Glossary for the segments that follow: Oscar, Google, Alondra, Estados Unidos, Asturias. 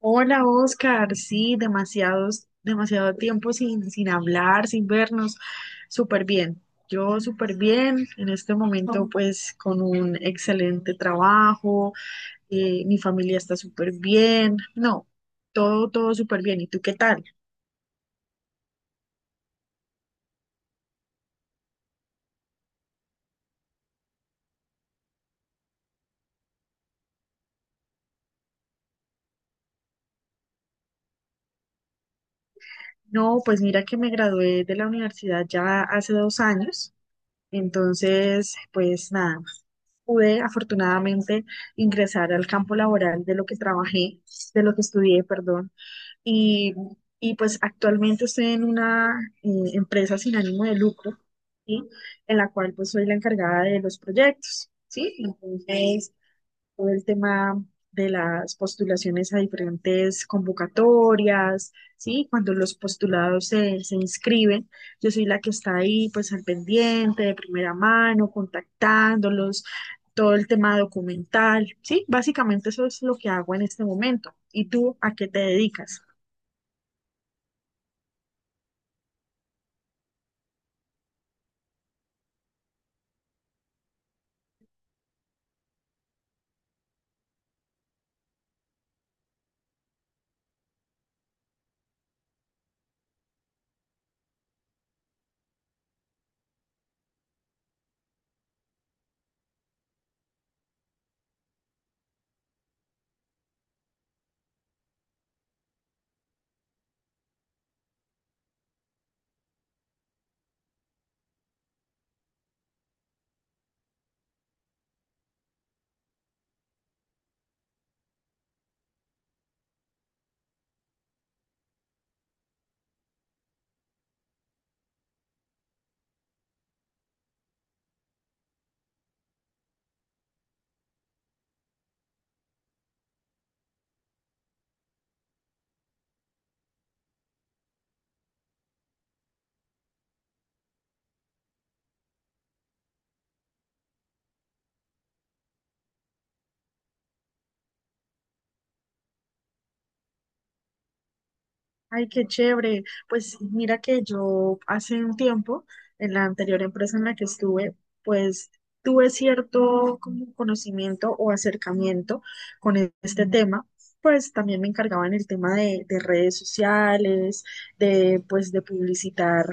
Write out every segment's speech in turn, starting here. Hola Oscar, sí, demasiado tiempo sin hablar, sin vernos. Súper bien, yo súper bien. En este momento pues con un excelente trabajo, mi familia está súper bien. No, todo súper bien. ¿Y tú qué tal? No, pues mira que me gradué de la universidad ya hace 2 años. Entonces, pues nada, pude afortunadamente ingresar al campo laboral de lo que trabajé, de lo que estudié, perdón. Y, y pues actualmente estoy en una empresa sin ánimo de lucro, ¿sí? En la cual pues soy la encargada de los proyectos, ¿sí? Entonces, todo el tema de las postulaciones a diferentes convocatorias, ¿sí? Cuando los postulados se inscriben, yo soy la que está ahí pues al pendiente, de primera mano, contactándolos, todo el tema documental, ¿sí? Básicamente eso es lo que hago en este momento. ¿Y tú a qué te dedicas? Ay, qué chévere. Pues mira que yo hace un tiempo, en la anterior empresa en la que estuve, pues tuve cierto como conocimiento o acercamiento con este tema. Pues también me encargaba en el tema de redes sociales, de pues de publicitar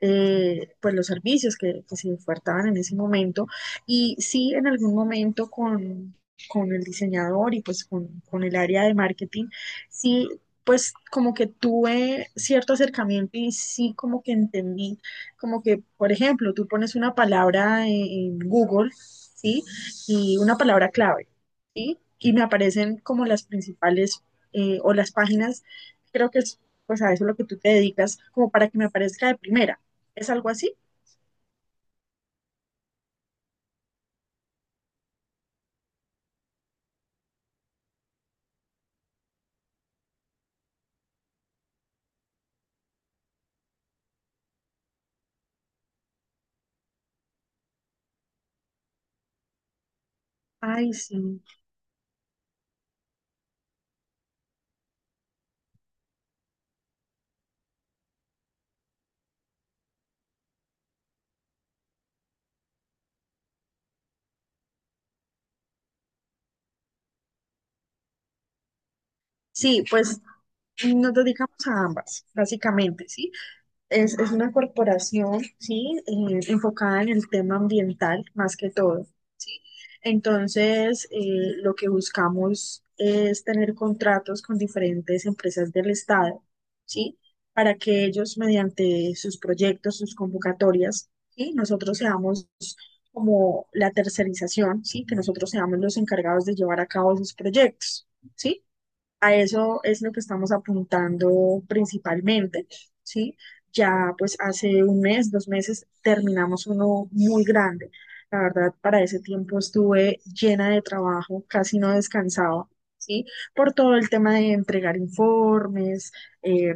pues los servicios que se ofertaban en ese momento. Y sí, en algún momento con el diseñador y pues con el área de marketing. Sí, pues como que tuve cierto acercamiento y sí como que entendí, como que, por ejemplo, tú pones una palabra en Google, ¿sí? Y una palabra clave, ¿sí? Y me aparecen como las principales o las páginas, creo que es pues a eso lo que tú te dedicas, como para que me aparezca de primera. ¿Es algo así? Ay, sí. Sí, pues nos dedicamos a ambas, básicamente, ¿sí? Es una corporación, ¿sí? Enfocada en el tema ambiental más que todo, ¿sí? Entonces, lo que buscamos es tener contratos con diferentes empresas del Estado, ¿sí? Para que ellos, mediante sus proyectos, sus convocatorias, ¿sí? Nosotros seamos como la tercerización, ¿sí? Que nosotros seamos los encargados de llevar a cabo esos proyectos, ¿sí? A eso es lo que estamos apuntando principalmente, ¿sí? Ya pues hace un mes, 2 meses, terminamos uno muy grande. La verdad, para ese tiempo estuve llena de trabajo, casi no descansaba, ¿sí? Por todo el tema de entregar informes, eh,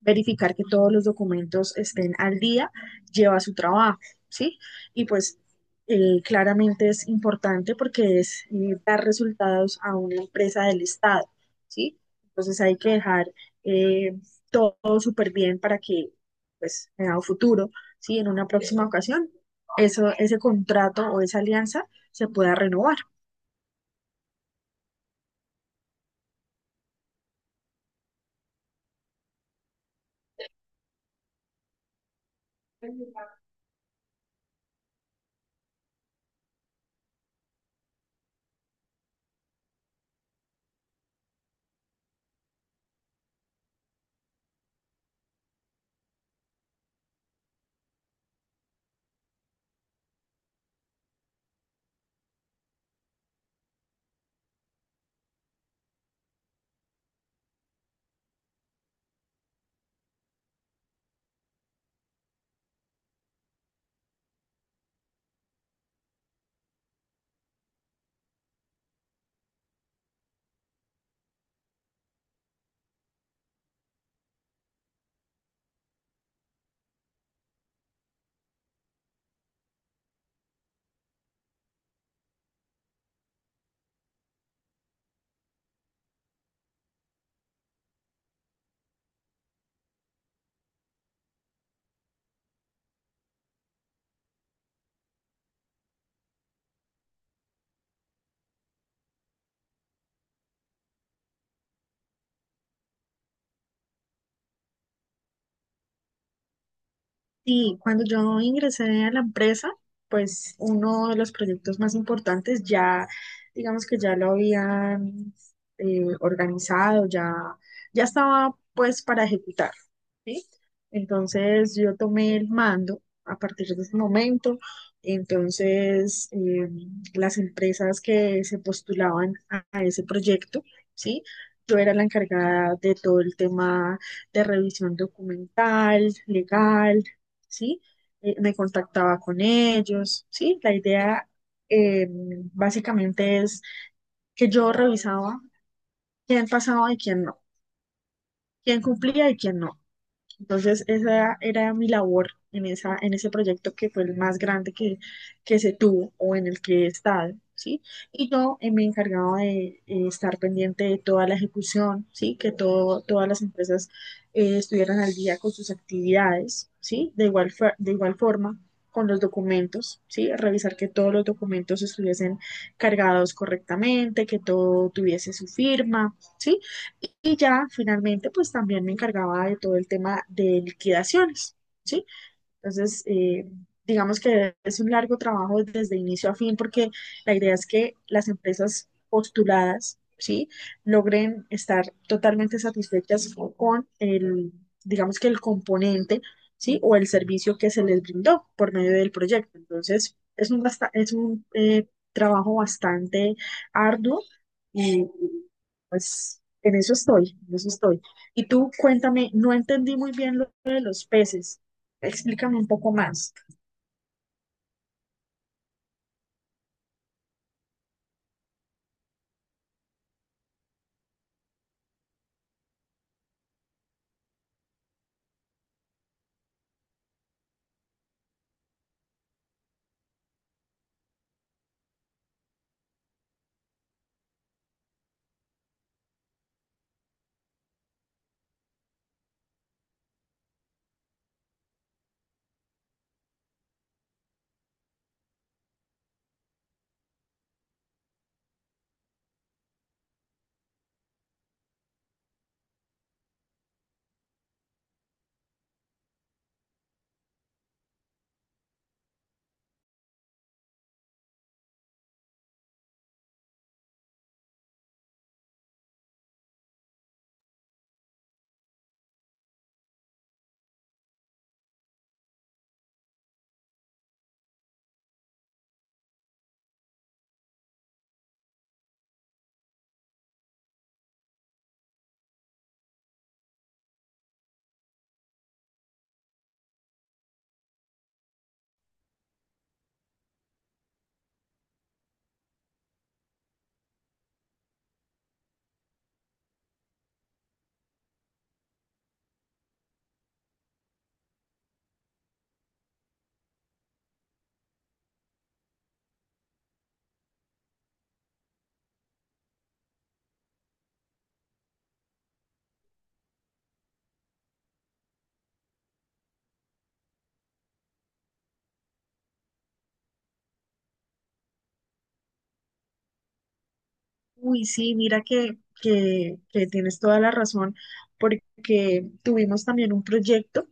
verificar que todos los documentos estén al día, lleva su trabajo, ¿sí? Y pues claramente es importante porque es dar resultados a una empresa del Estado, ¿sí? Entonces hay que dejar eh, todo súper bien para que, pues, en un futuro, ¿sí? En una próxima ocasión, ese contrato o esa alianza se pueda renovar. Sí, cuando yo ingresé a la empresa, pues uno de los proyectos más importantes ya, digamos que ya lo habían organizado, ya estaba pues para ejecutar. ¿Sí? Entonces yo tomé el mando a partir de ese momento. Entonces las empresas que se postulaban a ese proyecto, ¿sí? Yo era la encargada de todo el tema de revisión documental, legal, ¿sí? Me contactaba con ellos, ¿sí? La idea eh, básicamente es que yo revisaba quién pasaba y quién no, quién cumplía y quién no. Entonces, esa era mi labor en esa, en ese proyecto que fue el más grande que se tuvo o en el que he estado, ¿sí? Y yo me encargaba de estar pendiente de toda la ejecución, ¿sí? Que todo, todas las empresas estuvieran al día con sus actividades, ¿sí? De igual, de igual forma con los documentos, ¿sí? Revisar que todos los documentos estuviesen cargados correctamente, que todo tuviese su firma, ¿sí? Y ya finalmente, pues también me encargaba de todo el tema de liquidaciones, ¿sí? Entonces, digamos que es un largo trabajo desde inicio a fin, porque la idea es que las empresas postuladas, ¿sí? logren estar totalmente satisfechas con el, digamos que el componente, ¿sí? o el servicio que se les brindó por medio del proyecto. Entonces, es un, es un trabajo bastante arduo y pues en eso estoy, en eso estoy. Y tú cuéntame, no entendí muy bien lo de los peces. Explícame un poco más. Uy, sí, mira que tienes toda la razón, porque tuvimos también un proyecto.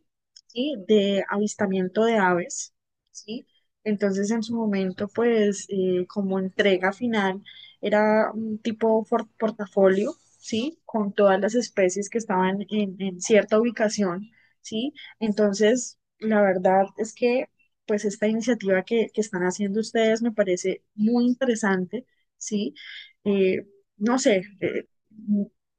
¿Sí? De avistamiento de aves, ¿sí? Entonces, en su momento, pues, como entrega final, era un tipo portafolio, ¿sí? Con todas las especies que estaban en cierta ubicación, ¿sí? Entonces, la verdad es que, pues, esta iniciativa que están haciendo ustedes me parece muy interesante, ¿sí? Eh, no sé,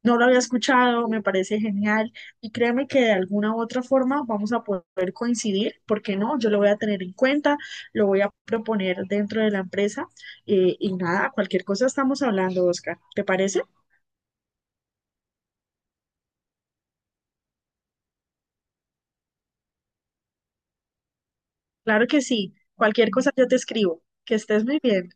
no lo había escuchado, me parece genial. Y créeme que de alguna u otra forma vamos a poder coincidir, porque no? Yo lo voy a tener en cuenta, lo voy a proponer dentro de la empresa y nada, cualquier cosa estamos hablando, Oscar. ¿Te parece? Claro que sí. Cualquier cosa yo te escribo. Que estés muy bien.